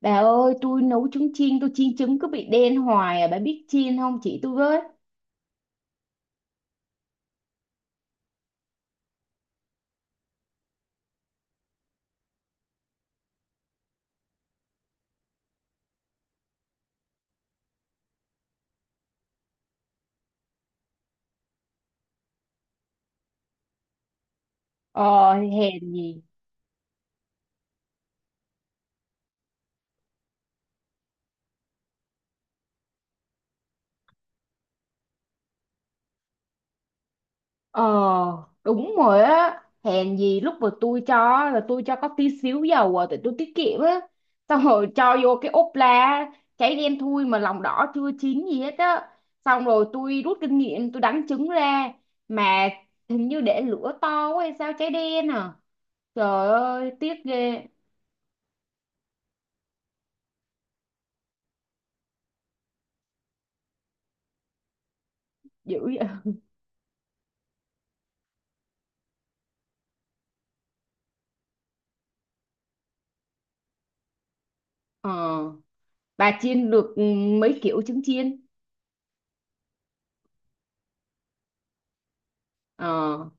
Bà ơi, tôi nấu trứng chiên, tôi chiên trứng cứ bị đen hoài à, bà biết chiên không chị tôi với? Ờ, hèn gì? Ờ, đúng rồi á, hèn gì lúc mà tôi cho á, là tôi cho có tí xíu dầu à, tại tôi tiết kiệm á. Xong rồi cho vô cái ốp la, cháy đen thui mà lòng đỏ chưa chín gì hết á. Xong rồi tôi rút kinh nghiệm, tôi đánh trứng ra, mà hình như để lửa to quá hay sao cháy đen à. Trời ơi, tiếc ghê, dữ vậy. Ờ. Bà chiên được ừ, mấy kiểu trứng chiên. Ờ.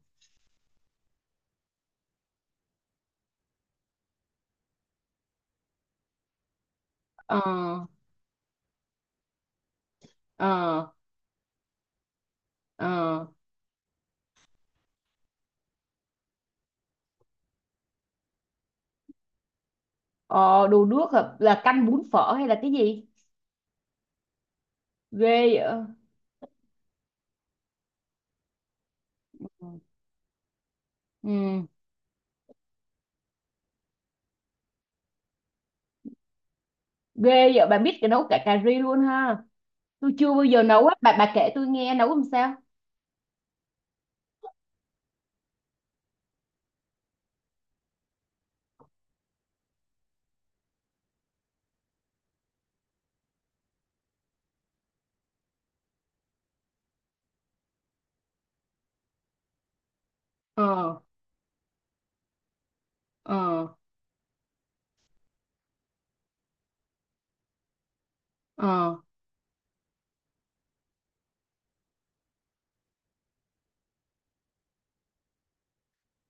Ờ. Ờ. Ờ. Ờ đồ nước hả? Là canh bún phở hay là cái gì ghê vậy ừ. Ghê vậy bà biết cái nấu cả cà ri luôn ha, tôi chưa bao giờ nấu á, bà kể tôi nghe nấu làm sao. Ờ. Ờ. Ờ.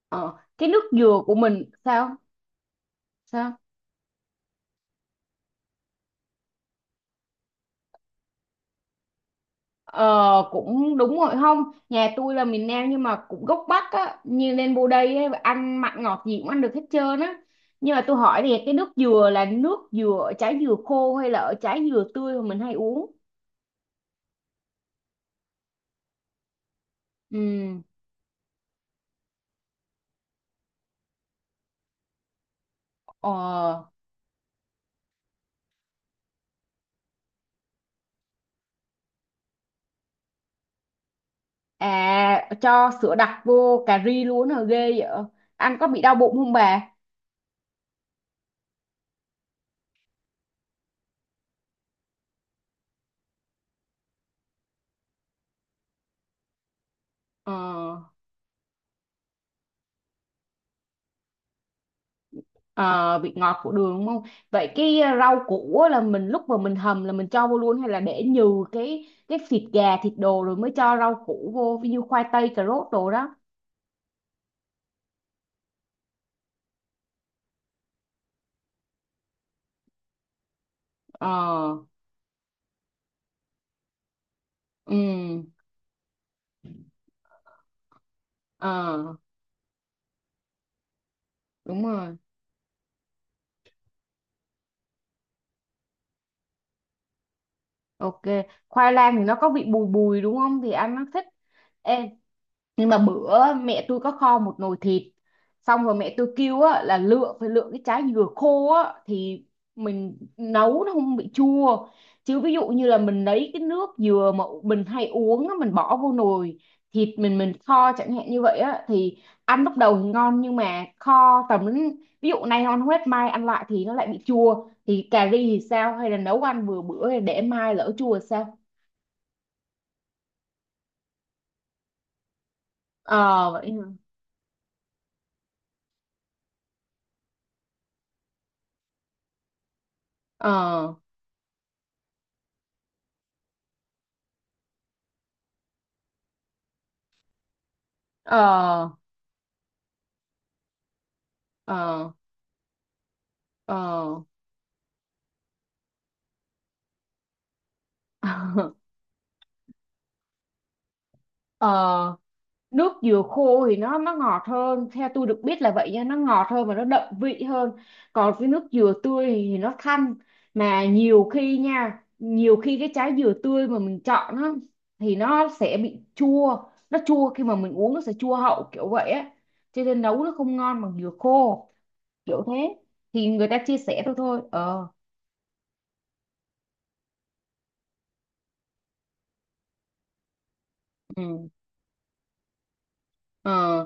Ờ cái nước dừa của mình sao sao. Ờ cũng đúng rồi không. Nhà tôi là miền Nam nhưng mà cũng gốc Bắc á, như lên vô đây á, ăn mặn ngọt gì cũng ăn được hết trơn á. Nhưng mà tôi hỏi thì cái nước dừa là nước dừa ở trái dừa khô hay là ở trái dừa tươi mà mình hay uống. Ừ. Ờ. À cho sữa đặc vô cà ri luôn hả, ghê vậy. Ăn có bị đau bụng không bà? Ờ. Ờ, vị ngọt của đường đúng không? Vậy cái rau củ á là mình lúc mà mình hầm là mình cho vô luôn hay là để nhừ cái thịt gà thịt đồ rồi mới cho rau củ vô, ví dụ khoai tây cà rốt đồ đó. Ờ. Ừ. Ờ đúng rồi. Ok. Khoai lang thì nó có vị bùi bùi đúng không? Thì ăn nó thích. Ê, nhưng mà bữa mẹ tôi có kho một nồi thịt, xong rồi mẹ tôi kêu á, là lựa phải lựa cái trái dừa khô á, thì mình nấu nó không bị chua. Chứ ví dụ như là mình lấy cái nước dừa mà mình hay uống á, mình bỏ vô nồi thịt mình kho chẳng hạn như vậy á, thì ăn lúc đầu thì ngon nhưng mà kho tầm đến ví dụ nay ngon hết mai ăn lại thì nó lại bị chua, thì cà ri thì sao hay là nấu ăn vừa bữa để mai lỡ chua thì sao? Ờ vậy hả? Ờ. Ờ. Ờ. Ờ. Ờ, nước dừa khô thì nó ngọt hơn, theo tôi được biết là vậy nha, nó ngọt hơn và nó đậm vị hơn. Còn cái nước dừa tươi thì nó thanh, mà nhiều khi nha, nhiều khi cái trái dừa tươi mà mình chọn á thì nó sẽ bị chua, nó chua khi mà mình uống nó sẽ chua hậu kiểu vậy á, cho nên nấu nó không ngon bằng dừa khô kiểu thế, thì người ta chia sẻ thôi thôi ờ. Ừ. Ờ.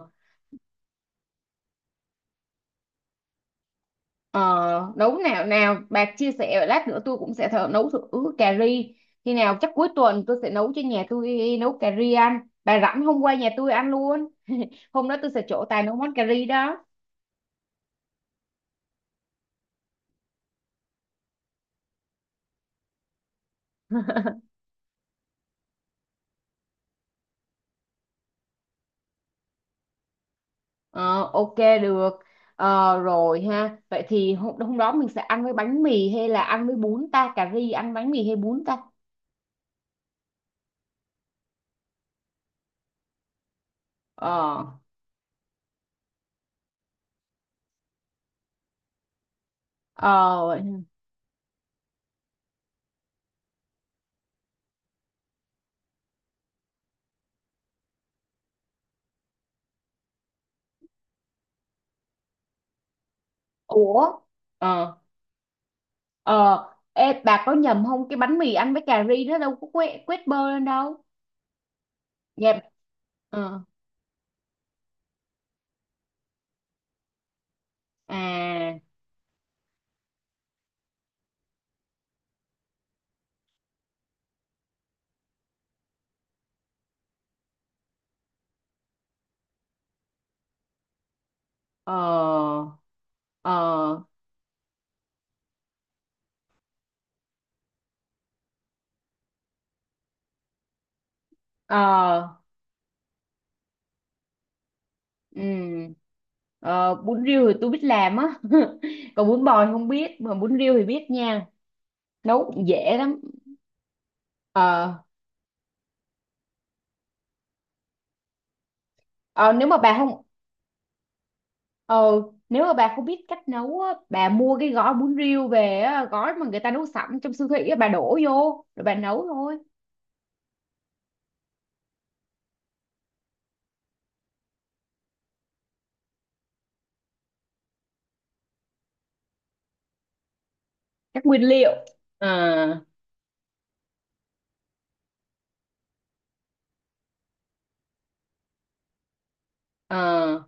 Ờ, nấu nào nào bà chia sẻ lát nữa tôi cũng sẽ thử nấu thử cà ri, khi nào chắc cuối tuần tôi sẽ nấu cho nhà, tôi nấu cà ri ăn, bà rảnh hôm qua nhà tôi ăn luôn. Hôm đó tôi sẽ trổ tài nấu món cà ri đó. Ờ, ok, được. Ờ, rồi ha, vậy thì hôm đó mình sẽ ăn với bánh mì hay là ăn với bún ta, cà ri ăn bánh mì hay bún ta? Ờ. Ờ. Ủa. Ờ. Ờ. Ê bà có nhầm không, cái bánh mì ăn với cà ri nó đâu có quét quét bơ lên đâu. Dạ. Ờ. À. Ờ. Ờ. Ờ. Ừ. Ờ, bún riêu thì tôi biết làm á. Còn bún bò thì không biết, mà bún riêu thì biết nha. Nấu cũng dễ lắm. Ờ. Ờ, nếu mà bà không ờ, nếu mà bà không biết cách nấu á, bà mua cái gói bún riêu về á, gói mà người ta nấu sẵn trong siêu thị á, bà đổ vô rồi bà nấu thôi. Các nguyên liệu. Ờ. Ờ.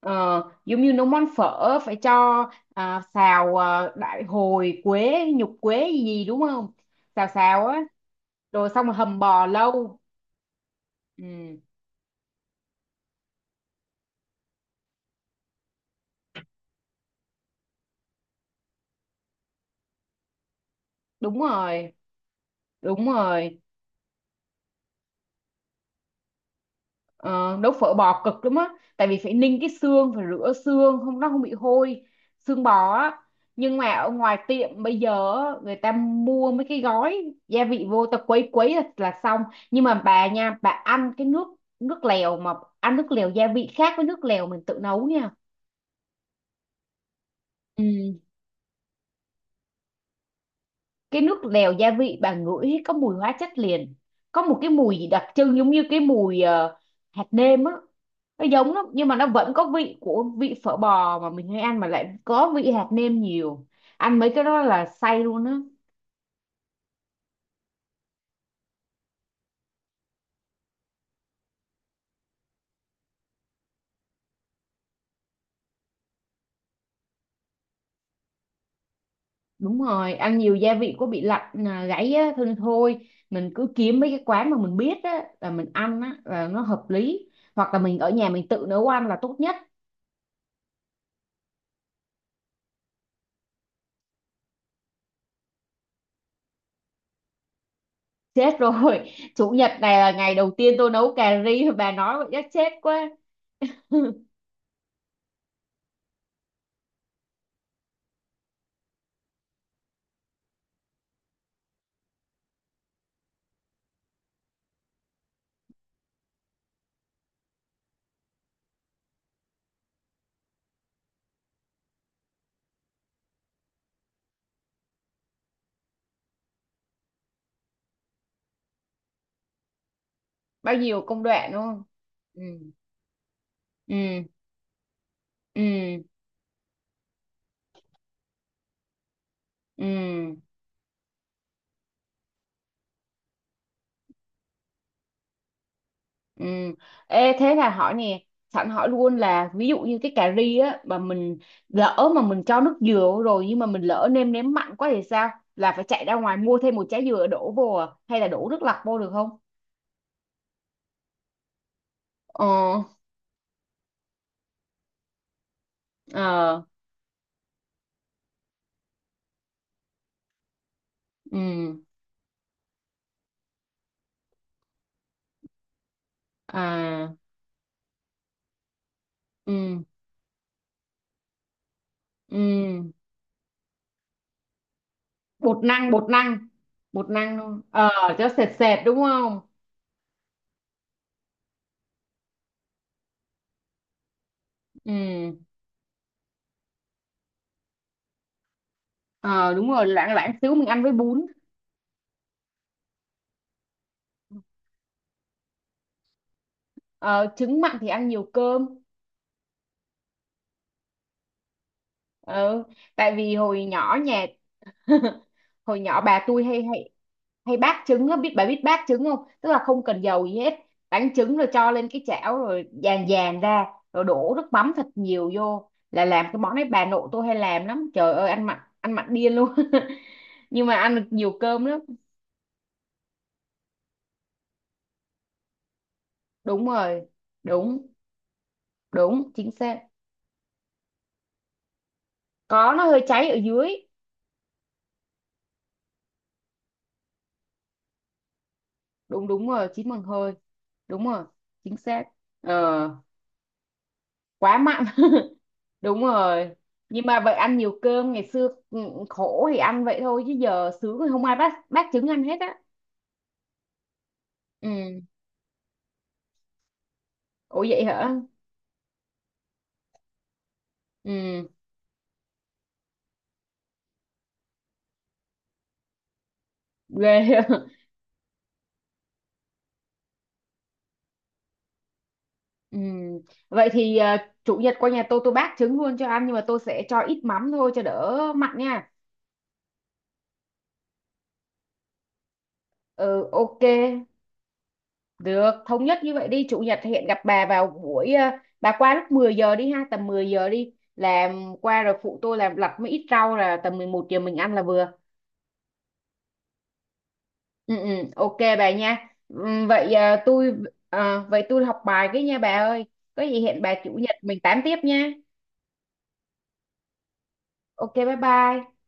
Ờ, giống như nấu món phở phải cho xào đại hồi quế nhục quế gì gì đúng không, xào xào á, rồi xong rồi hầm bò lâu. Ừ, đúng rồi đúng rồi. Ờ, nấu phở bò cực lắm á, tại vì phải ninh cái xương, phải rửa xương không nó không bị hôi, xương bò á. Nhưng mà ở ngoài tiệm bây giờ á, người ta mua mấy cái gói gia vị vô ta quấy quấy là xong. Nhưng mà bà nha, bà ăn cái nước nước lèo mà ăn nước lèo gia vị khác với nước lèo mình tự nấu nha. Ừ. Cái nước lèo gia vị bà ngửi có mùi hóa chất liền, có một cái mùi gì đặc trưng giống như cái mùi hạt nêm á, nó giống lắm nhưng mà nó vẫn có vị của vị phở bò mà mình hay ăn mà lại có vị hạt nêm nhiều. Ăn mấy cái đó là say luôn á. Đúng rồi, ăn nhiều gia vị có bị lạnh gáy á thôi, nên thôi mình cứ kiếm mấy cái quán mà mình biết á là mình ăn á là nó hợp lý, hoặc là mình ở nhà mình tự nấu ăn là tốt nhất. Chết rồi. Chủ nhật này là ngày đầu tiên tôi nấu cà ri, bà nói vậy chắc chết quá. Bao nhiêu công đoạn đúng không. Ừ. Ừ. Ừ. Ừ. Ừ. Ê thế là hỏi nè, sẵn hỏi luôn là ví dụ như cái cà ri á mà mình lỡ mà mình cho nước dừa vô rồi nhưng mà mình lỡ nêm nếm mặn quá thì sao, là phải chạy ra ngoài mua thêm một trái dừa đổ vô à? Hay là đổ nước lọc vô được không? Ờ. Ờ. Ừ. À. Ừ. Ừ. Bột năng. Bột năng luôn ờ, cho sệt sệt đúng không. Ừ. Ờ đúng rồi, loãng loãng xíu mình ăn với bún. Ờ, trứng mặn thì ăn nhiều cơm. Ờ, tại vì hồi nhỏ nhà hồi nhỏ bà tôi hay hay hay bác trứng á, biết bà, biết bác trứng không, tức là không cần dầu gì hết, đánh trứng rồi cho lên cái chảo rồi dàn dàn ra, rồi đổ nước mắm thật nhiều vô, là làm cái món đấy. Bà nội tôi hay làm lắm, trời ơi, ăn mặn điên luôn. Nhưng mà ăn được nhiều cơm lắm. Đúng rồi. Đúng. Đúng chính xác. Có, nó hơi cháy ở dưới. Đúng, đúng rồi, chín bằng hơi. Đúng rồi. Chính xác. Ờ. Quá mặn. Đúng rồi, nhưng mà vậy ăn nhiều cơm ngày xưa ừ, khổ thì ăn vậy thôi, chứ giờ sướng thì không ai bắt bắt trứng ăn hết á. Ừ. Ủa vậy hả. Ừ. Ghê. Ừ, vậy thì ờ, chủ nhật qua nhà tôi bác trứng luôn cho ăn, nhưng mà tôi sẽ cho ít mắm thôi cho đỡ mặn nha. Ừ, ok, được, thống nhất như vậy đi, chủ nhật hẹn gặp bà vào buổi bà qua lúc 10 giờ đi ha, tầm 10 giờ đi làm, qua rồi phụ tôi làm lặt mấy ít rau là tầm 11 giờ mình ăn là vừa. Ừ, ừ, ok bà nha. Ừ, vậy tôi vậy tôi học bài cái nha bà ơi. Có gì hẹn bà chủ nhật mình tám tiếp nha. Ok, bye bye.